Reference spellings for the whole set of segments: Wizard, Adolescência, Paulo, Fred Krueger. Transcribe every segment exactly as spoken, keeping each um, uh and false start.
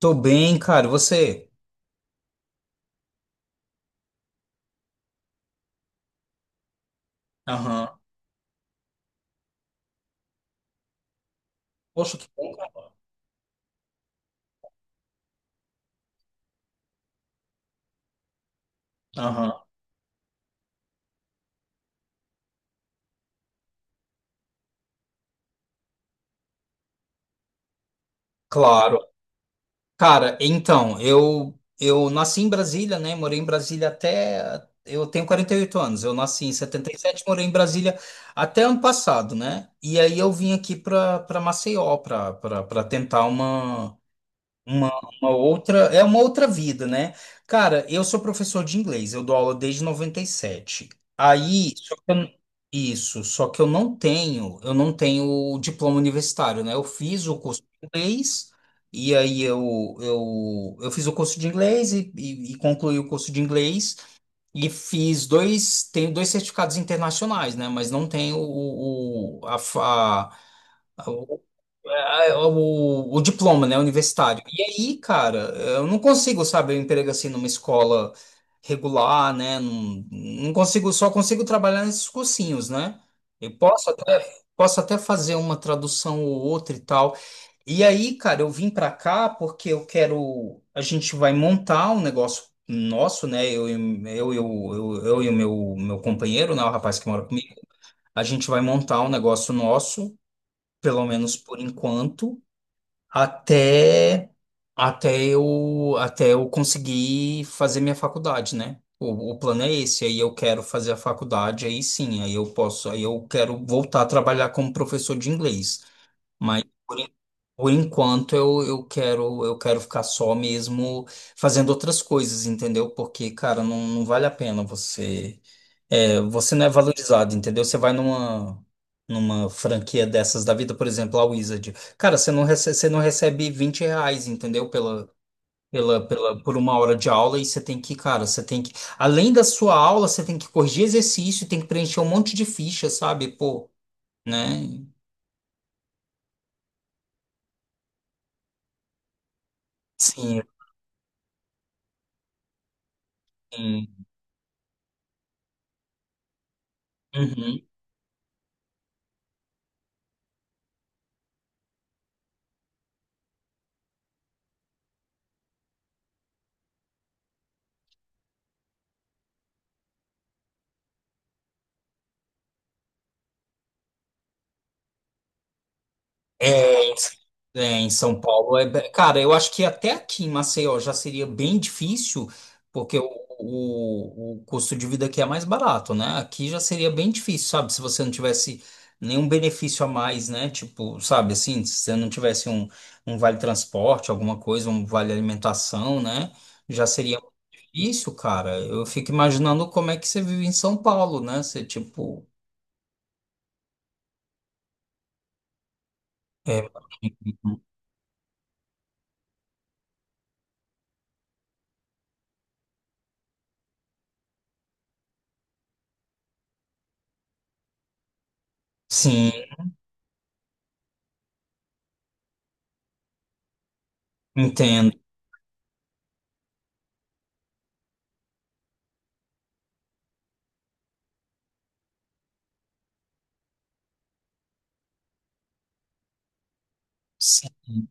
Tô bem, cara. Você? Aham. Poxa, que bom, cara. Aham. Claro. Cara, então, eu eu nasci em Brasília, né? Morei em Brasília até eu tenho quarenta e oito anos. Eu nasci em setenta e sete, morei em Brasília até ano passado, né? E aí eu vim aqui para para Maceió para para tentar uma Uma, uma outra, é uma outra vida, né? Cara, eu sou professor de inglês, eu dou aula desde noventa e sete. Aí, só que eu- Isso, só que eu não tenho, eu não tenho diploma universitário, né? Eu fiz o curso de inglês, e aí eu, eu, eu fiz o curso de inglês e, e, e concluí o curso de inglês, e fiz dois, tenho dois certificados internacionais, né? Mas não tenho o, o, a, fa- o, é, é, o, o diploma, né, universitário. E aí, cara, eu não consigo, sabe, eu emprego assim numa escola regular, né? Não, não consigo, só consigo trabalhar nesses cursinhos, né? Eu posso até, Posso até fazer uma tradução ou outra e tal. E aí, cara, eu vim pra cá porque eu quero. A gente vai montar um negócio nosso, né? Eu, e- eu, eu, eu, eu e o meu, meu companheiro, né? O rapaz que mora comigo. A gente vai montar um negócio nosso, pelo menos por enquanto, até até eu até eu conseguir fazer minha faculdade, né? O, o plano é esse, aí eu quero fazer a faculdade, aí sim, aí eu posso, aí eu quero voltar a trabalhar como professor de inglês. Mas por por enquanto eu, eu quero eu quero ficar só mesmo fazendo outras coisas, entendeu? Porque, cara, não, não vale a pena você é, você não é valorizado, entendeu? Você vai numa numa franquia dessas da vida, por exemplo, a Wizard. Cara, você não recebe, você não recebe vinte reais, entendeu? Pela, pela, pela, por uma hora de aula, e você tem que, cara, você tem que, além da sua aula, você tem que corrigir exercício, tem que preencher um monte de ficha, sabe? Pô, né? Sim. Sim. Uhum. É. É, em São Paulo é, be- cara, eu acho que até aqui em Maceió já seria bem difícil, porque o, o, o custo de vida aqui é mais barato, né? Aqui já seria bem difícil, sabe? Se você não tivesse nenhum benefício a mais, né? Tipo, sabe assim, se você não tivesse um, um vale transporte, alguma coisa, um vale alimentação, né? Já seria um difícil, cara. Eu fico imaginando como é que você vive em São Paulo, né? Você, tipo, é, sim, entendo. Sim.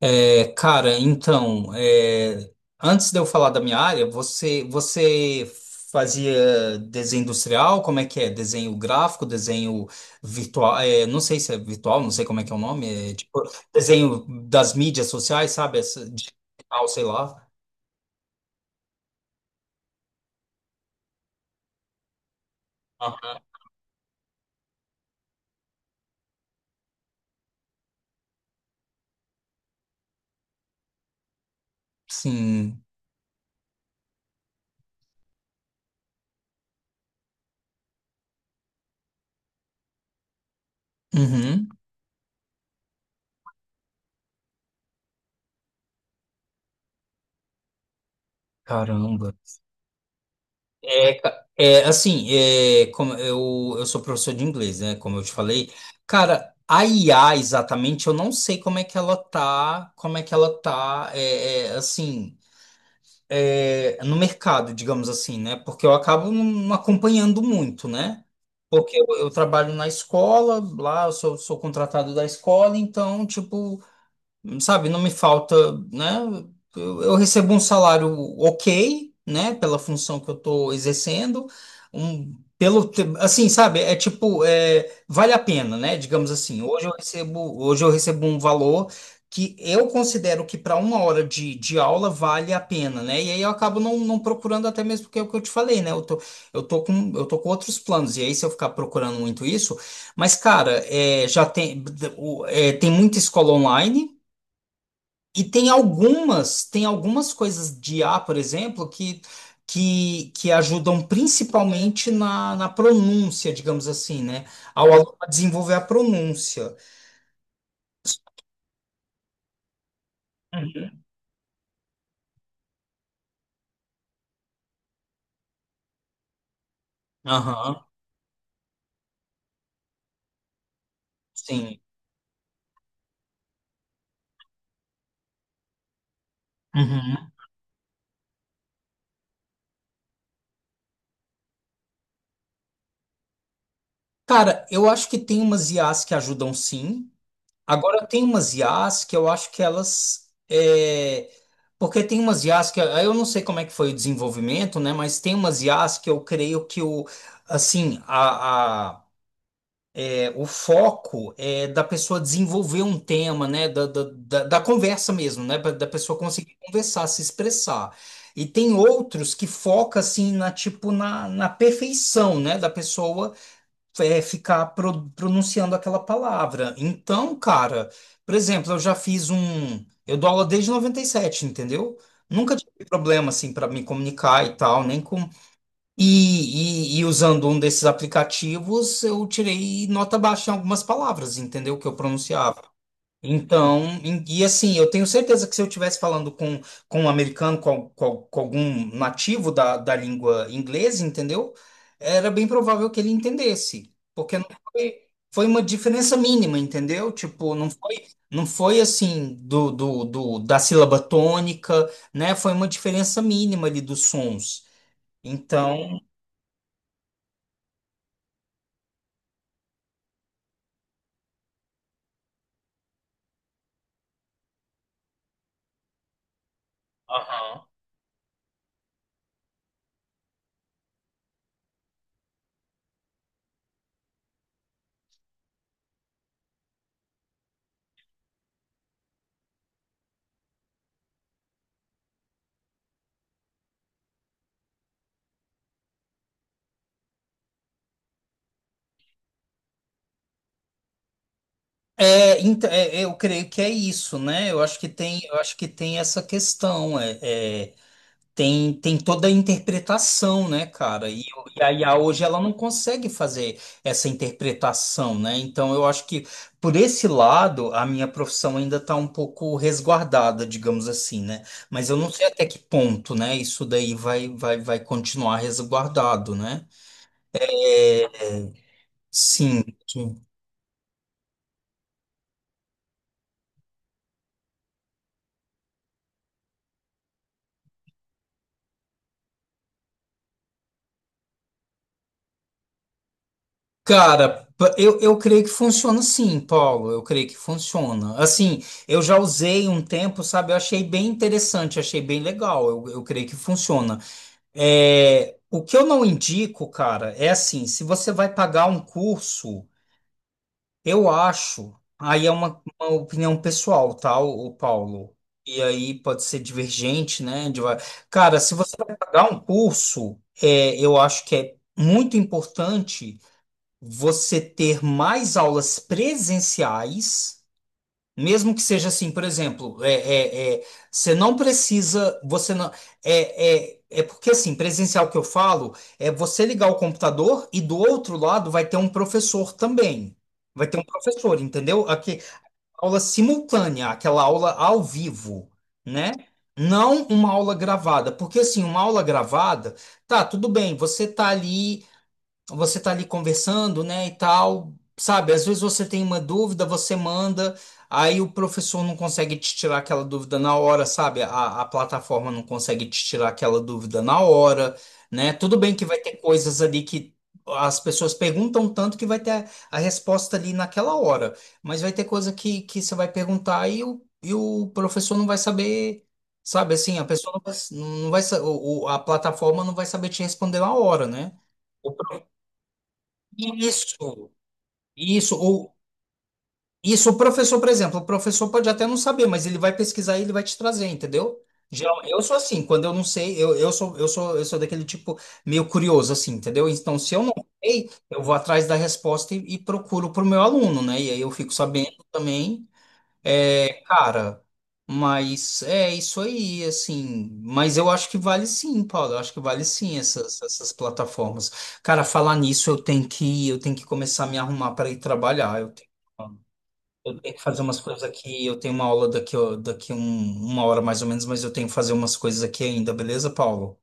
É, cara, então, é, antes de eu falar da minha área, você, você fazia desenho industrial? Como é que é? Desenho gráfico, desenho virtual? É, não sei se é virtual, não sei como é que é o nome. É, tipo, desenho das mídias sociais, sabe? Essa, digital, sei lá. Aham. Sim. Uhum. Caramba. É, ca- é, assim, é, como eu, eu sou professor de inglês, né? Como eu te falei, cara, a I A exatamente, eu não sei como é que ela tá, como é que ela tá, é, é, assim, é, no mercado, digamos assim, né? Porque eu acabo não acompanhando muito, né? Porque eu, eu trabalho na escola, lá eu sou, sou contratado da escola, então, tipo, sabe, não me falta, né? Eu, eu recebo um salário ok, né, pela função que eu estou exercendo, um, pelo, te- assim, sabe, é tipo, é, vale a pena, né? Digamos assim, hoje eu recebo, hoje eu recebo um valor que eu considero que para uma hora de, de aula vale a pena, né? E aí eu acabo não, não procurando até mesmo porque é o que eu te falei, né? Eu tô, eu tô com, eu tô com outros planos, e aí se eu ficar procurando muito isso, mas, cara, é, já tem, o- é, tem muita escola online, e tem algumas, tem algumas coisas de I a, por exemplo, que, que, que ajudam principalmente na, na pronúncia, digamos assim, né? Ao aluno a desenvolver a pronúncia. Uhum. Aham, sim. Uhum. Cara, eu acho que tem umas I As que ajudam sim. Agora tem umas I As que eu acho que elas. É. Porque tem umas I As que. Aí eu não sei como é que foi o desenvolvimento, né? Mas tem umas I As que eu creio que o. Assim, a... a- o foco é da pessoa desenvolver um tema, né? Da, da, da, da conversa mesmo, né? pra- Da pessoa conseguir conversar, se expressar. E tem outros que foca assim na tipo na, na perfeição, né? Da pessoa é, ficar pro- pronunciando aquela palavra. Então, cara, por exemplo, eu já fiz um. Eu dou aula desde noventa e sete, entendeu? Nunca tive problema assim para me comunicar e tal, nem com e, e, e usando um desses aplicativos, eu tirei nota baixa em algumas palavras, entendeu? Que eu pronunciava. Então, em- e assim, eu tenho certeza que se eu estivesse falando com, com um americano, com, al- com, al- com algum nativo da, da língua inglesa, entendeu? Era bem provável que ele entendesse, porque não foi, foi uma diferença mínima, entendeu? Tipo, não foi, não foi assim do, do, do, da sílaba tônica, né? Foi uma diferença mínima ali dos sons. Então, é, então, é, é, eu creio que é isso, né? Eu acho que tem, eu acho que tem essa questão, é, é, tem, tem toda a interpretação, né, cara? E, o- e a I A hoje ela não consegue fazer essa interpretação, né? Então eu acho que por esse lado a minha profissão ainda está um pouco resguardada, digamos assim, né? Mas eu não sei até que ponto, né? Isso daí vai, vai, vai continuar resguardado, né? É. Sim. Cara, pa- eu, eu creio que funciona sim, Paulo. Eu creio que funciona. Assim, eu já usei um tempo, sabe? Eu achei bem interessante, achei bem legal. Eu, eu creio que funciona. É, o que eu não indico, cara, é assim: se você vai pagar um curso, eu acho. Aí é uma, uma opinião pessoal, tá, o, o Paulo? E aí pode ser divergente, né? de- Cara, se você vai pagar um curso, é, eu acho que é muito importante você ter mais aulas presenciais, mesmo que seja assim, por exemplo, é, é, é, você não precisa, você não, é, é, é porque assim, presencial que eu falo, é você ligar o computador e do outro lado vai ter um professor também. Vai ter um professor, entendeu? Aqui, aula simultânea, aquela aula ao vivo, né? Não uma aula gravada, porque assim, uma aula gravada, tá, tudo bem, você tá ali você tá ali conversando, né, e tal, sabe? Às vezes você tem uma dúvida, você manda, aí o professor não consegue te tirar aquela dúvida na hora, sabe? A, a plataforma não consegue te tirar aquela dúvida na hora, né? Tudo bem que vai ter coisas ali que as pessoas perguntam tanto que vai ter a, a resposta ali naquela hora, mas vai ter coisa que, que você vai perguntar e o, e o professor não vai saber. Sabe assim, a pessoa não vai, não vai, sa- o- o- a plataforma não vai saber te responder na hora, né? Isso, isso, ou isso, o professor, por exemplo, o professor pode até não saber, mas ele vai pesquisar e ele vai te trazer, entendeu? Geral- Eu sou assim, quando eu não sei, eu, eu sou, eu sou, eu sou daquele tipo meio curioso, assim, entendeu? Então, se eu não sei, eu vou atrás da resposta e, e procuro para o meu aluno, né? E aí eu fico sabendo também. É, cara, mas é isso aí, assim. Mas eu acho que vale sim, Paulo. Eu acho que vale sim essas, essas plataformas. Cara, falar nisso, eu tenho que, eu tenho que começar a me arrumar para ir trabalhar. Eu tenho, eu tenho que fazer umas coisas aqui. Eu tenho uma aula daqui, ó, daqui um- uma hora mais ou menos, mas eu tenho que fazer umas coisas aqui ainda, beleza, Paulo?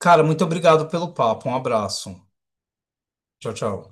Cara, muito obrigado pelo papo. Um abraço. Tchau, tchau.